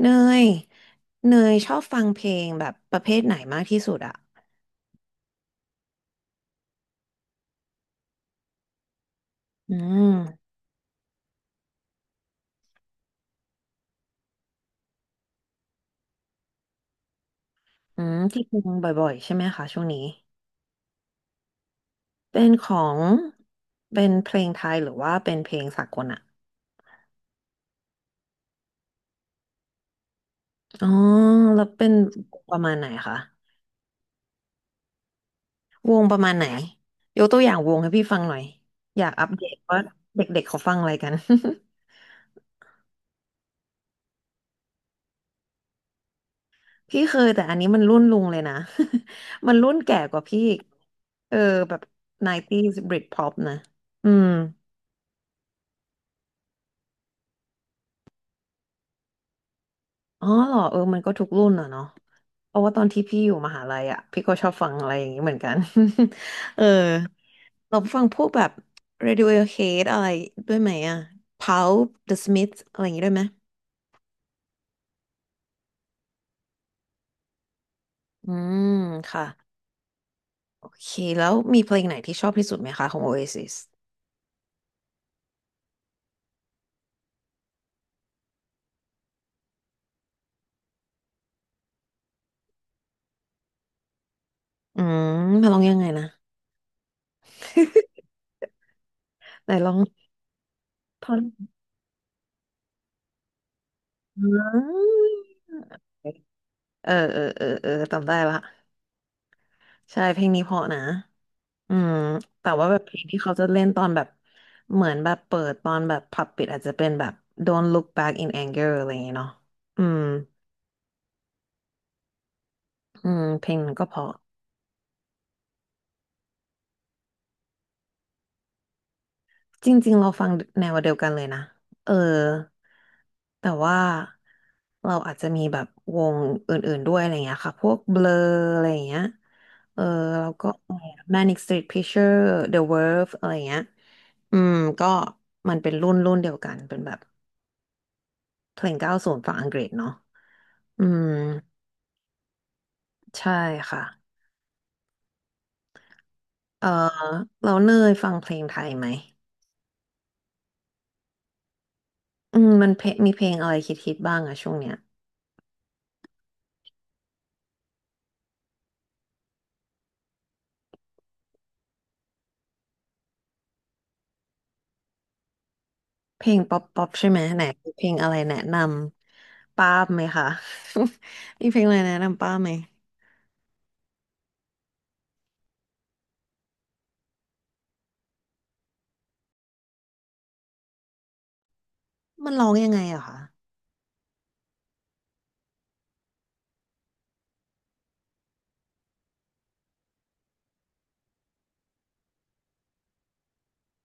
เนยเนยชอบฟังเพลงแบบประเภทไหนมากที่สุดอะอืมที่ฟังบ่อยๆใช่ไหมคะช่วงนี้ เป็นของเป็นเพลงไทยหรือว่าเป็นเพลงสากลอะอ๋อแล้วเป็นประมาณไหนคะวงประมาณไหนยกตัวอย่างวงให้พี่ฟังหน่อยอยากอัปเดตว่าเด็กๆเขาฟังอะไรกัน พี่เคยแต่อันนี้มันรุ่นลุงเลยนะ มันรุ่นแก่กว่าพี่อีกเออแบบ 90s Britpop นะอืม อ๋อเหรอเออมันก็ทุกรุ่นอ่ะเนาะเพราะว่าตอนที่พี่อยู่มหาลัยอ่ะพี่ก็ชอบฟังอะไรอย่างนี้เหมือนกัน เออเราฟังพวกแบบ Radiohead อะไรด้วยไหมอ่ะ Pulp The Smiths อะไรอย่างนี้ด้วยไหมอืมค่ะโอเคแล้วมีเพลงไหนที่ชอบที่สุดไหมคะของ Oasis อืมมาลองยังไงนะ ไหนลอง ท่อนอืมเออเออเออเออจำได้ละใช่เพลงนี้เพราะนะ อืมแต่ว่าแบบเพลงที่เขาจะเล่นตอนแบบเหมือนแบบเปิดตอนแบบผับปิดอาจจะเป็นแบบ Don't Look Back in Anger อะไรอย่างเงี้ยเนาะอืมอืมเพลงมันก็เพราะจริงๆเราฟังแนวเดียวกันเลยนะเออแต่ว่าเราอาจจะมีแบบวงอื่นๆด้วยอะไรเงี้ยค่ะพวก Blur อะไรเงี้ยเออแล้วก็ Manic Street Preacher The Verve อะไรเงี้ยอืมก็มันเป็นรุ่นเดียวกันเป็นแบบเพลงเก้าศูนย์ฝั่งอังกฤษเนาะ อืมใช่ค่ะเออเราเนยฟังเพลงไทยไหมอืมมันเพลงมีเพลงอะไรคิดๆบ้างอะช่วงเนี้ยเพลงป๊อปป๊อปใช่ไหมไหนมีเพลงอะไรแนะนำป้าบไหมคะ มีเพลงอะไรแนะนำป้าบไหมมันร้องยังไงอะคะ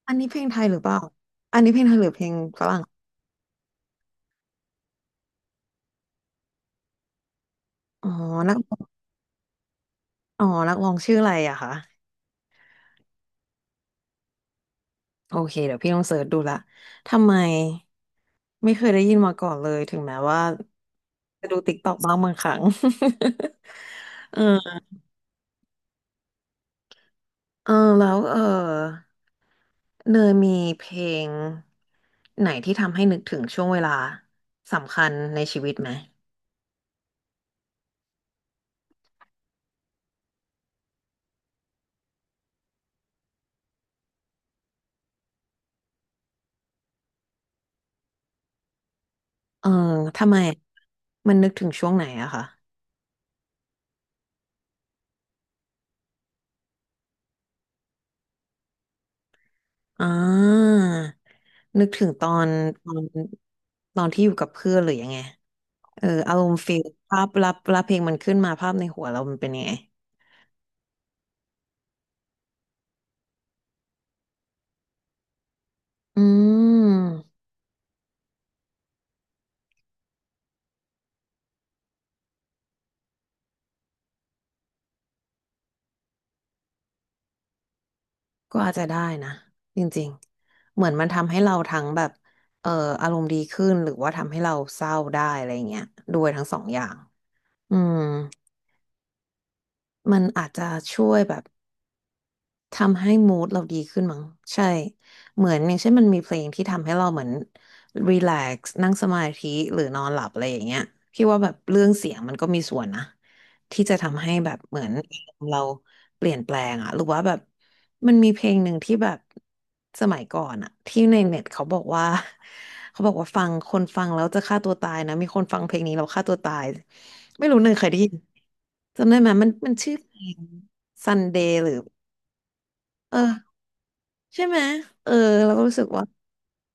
อันนี้เพลงไทยหรือเปล่าอันนี้เพลงไทยหรือเพลงฝรั่งอ๋อนักอ๋อนักร้องชื่ออะไรอะคะ โอเคเดี๋ยวพี่ต้องเสิร์ชดูละทำไมไม่เคยได้ยินมาก่อนเลยถึงแม้ว่าจะดูติ๊กต็อกบ้างบางครั้ง เออเออแล้วเออเนยมีเพลงไหนที่ทำให้นึกถึงช่วงเวลาสำคัญในชีวิตไหมเออทำไมมันนึกถึงช่วงไหนอะคะอ่านึกถึงตอนตอนที่อยู่กับเพื่อนหรือยังไง เอออารมณ์ฟิลภาพรับเพลงมันขึ้นมาภาพในหัวเรามันเป็นยังไงอืมก็อาจจะได้นะจริงๆเหมือนมันทำให้เราทั้งแบบเอ่ออารมณ์ดีขึ้นหรือว่าทำให้เราเศร้าได้อะไรเงี้ยด้วยทั้งสองอย่างอืมมันอาจจะช่วยแบบ ทำให้มู d เราดีขึ้นมั้งใช่เหมือนอย่างเช่นมันมีเพลงที่ทำให้เราเหมือนรีแลกซ์นั่งสมาธิหรือนอนหลับอะไรอย่างเงี้ยพี่ว่าแบบเรื่องเสียงมันก็มีส่วนนะที่จะทำให้แบบเหมือนเราเปลี่ยนแปลงอะหรือว่าแบบมันมีเพลงหนึ่งที่แบบสมัยก่อนอะที่ในเน็ตเขาบอกว่า เขาบอกว่าฟังคนฟังแล้วจะฆ่าตัวตายนะมีคนฟังเพลงนี้แล้วฆ่าตัวตายไม่รู้เนยเคยได้ยินจำได้ไหมมันชื่อเพลง Sunday หรือเออ ใช่ไหมเออเราก็รู้สึกว่า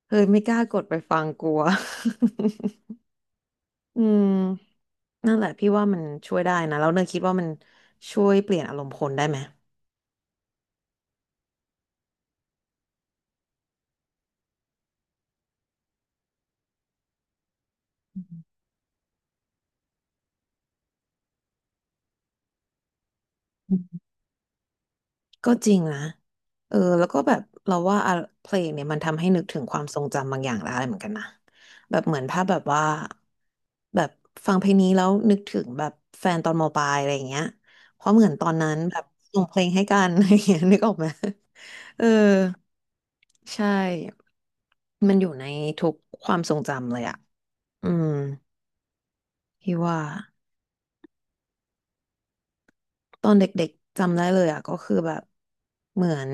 เฮ้ยไม่กล้ากดไปฟังกลัว อืมนั่นแหละพี่ว่ามันช่วยได้นะแล้วเนยคิดว่ามันช่วยเปลี่ยนอารมณ์คนได้ไหมอืมก็จริงนะเออแล้วก็แบบเราว่าอะเพลงเนี่ยมันทำให้นึกถึงความทรงจำบางอย่างได้เหมือนกันนะแบบเหมือนถ้าแบบว่าแบบฟังเพลงนี้แล้วนึกถึงแบบแฟนตอนมปลายอะไรอย่างเงี้ยเพราะเหมือนตอนนั้นแบบส่งเพลงให้กัน อะไรอย่างเงี้ยนึกออกไหมเออ ใช่ มันอยู่ในทุกความทรงจำเลยอะอืมพี่ว่า ตอนเด็กๆจำได้เลยอ่ะก็คือแบบเหมือน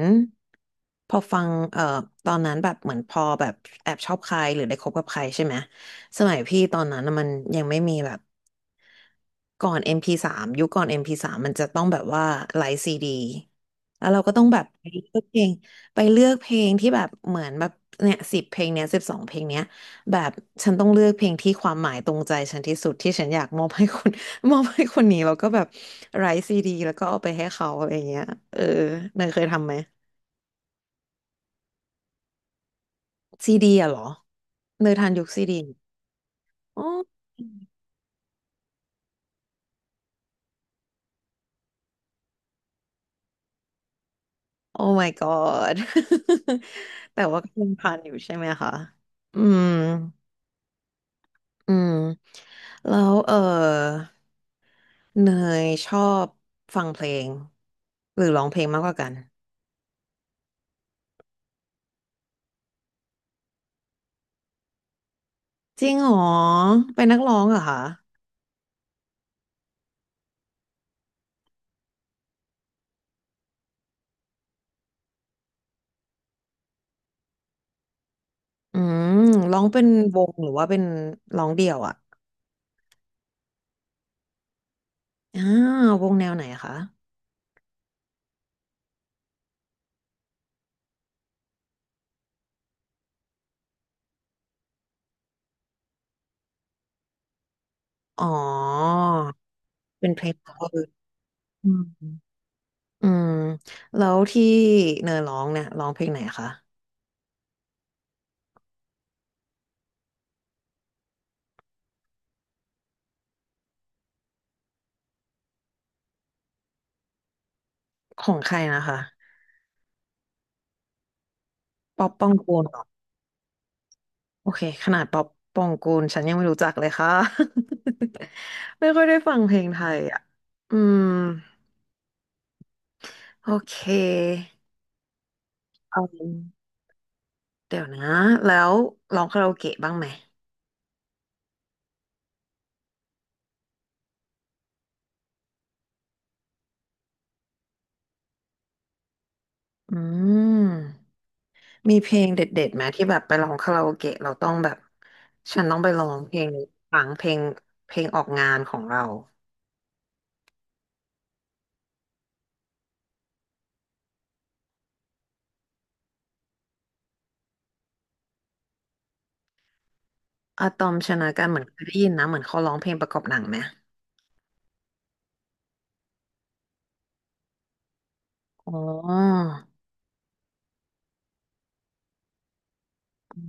พอฟังตอนนั้นแบบเหมือนพอแบบแอบชอบใครหรือได้คบกับใครใช่ไหมสมัยพี่ตอนนั้นน่ะมันยังไม่มีแบบก่อน MP3 ยุคก่อน MP3 มพีสามมันจะต้องแบบว่าไลฟ์ซีดีแล้วเราก็ต้องแบบไปเลือกเพลงไปเลือกเพลงที่แบบเหมือนแบบเนี่ยสิบเพลงเนี้ยสิบสองเพลงเนี้ยแบบฉันต้องเลือกเพลงที่ความหมายตรงใจฉันที่สุดที่ฉันอยากมอบให้คน มอบให้คนนี้แล้วก็แบบไร้ซีดีแล้วก็เอาไปให้เขาอะไรเงี้ยเออเนยเคยทำไหมซีดีอะเหรอเนยทันยุคซีดีอ๋อโอ้ my god แต่ว่าก็ยังทันอยู่ใช่ไหมคะอืมอืมแล้วเออเนยชอบฟังเพลงหรือร้องเพลงมากกว่ากันจริงเหรอเป็นนักร้องเหรอคะอืมร้องเป็นวงหรือว่าเป็นร้องเดี่ยวอะ อ่าววงแนวไหนคะอ๋อเป็นเพลง cover อืมอืมแล้วที่เนยร้องเนี่ยร้องเพลงไหนคะของใครนะคะป๊อปปองกูลเหรอโอเคขนาดป๊อปปองกูลฉันยังไม่รู้จักเลยค่ะ ไม่ค่อยได้ฟังเพลงไทยอ่ะอืมโอเคอืมเดี๋ยวนะแล้วร้องคาราโอเกะบ้างไหมอืม มีเพลงเด็ดๆไหมที่แบบไปร้องคาราโอเกะเราต้องแบบฉันต้องไปร้องเพลงนี้ฟังเพลงเพลงออกงานของเราอะตอมชนะกันเหมือนเคยได้ยินนะเหมือนเขาร้องเพลงประกอบหนังไหมอ๋อ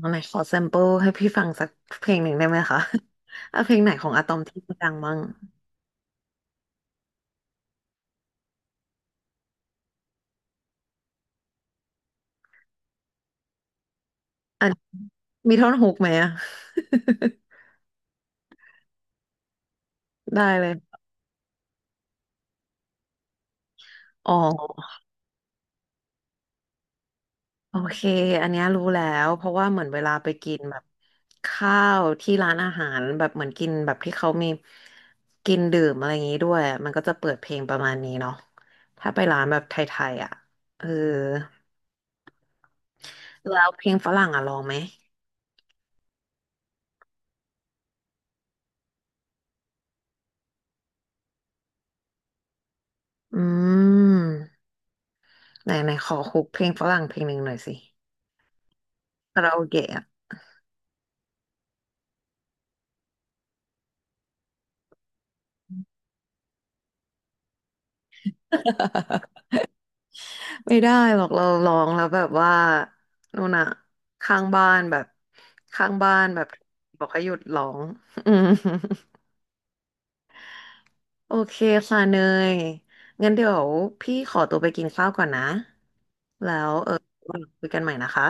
อ๋อไหนขอแซมเปิลให้พี่ฟังสักเพลงหนึ่งได้ไหมคะ อ่ะเพลงไหนของอะตอมที่ดังบ้างอันมีท่อนฮุกไหมอะ ได้เลยอ๋อ โอเค อันเนี้ยรู้แล้ว เพราะว่าเหมือนเวลาไปกินแบบข้าวที่ร้านอาหารแบบเหมือนกินแบบที่เขามีกินดื่มอะไรอย่างงี้ด้วย มันก็จะเปิดเพลงประมาณนี้เนาะถ้าไปร้านแบบไทยๆอ่ะ เออ แล้วเพลงฝรั่งอ่ะลองไหม อืมไหนไหนขอคุกเพลงฝรั่งเพลงหนึ่งหน่อยสิคาราโอเกะอะ ไม่ได้หรอกเราร้องแล้วแบบว่านู่นอะข้างบ้านแบบข้างบ้านแบบบอกให้หยุดร้อง อืมโอเคค่ะเนยงั้นเดี๋ยวพี่ขอตัวไปกินข้าวก่อนนะแล้วเออคุยกันใหม่นะคะ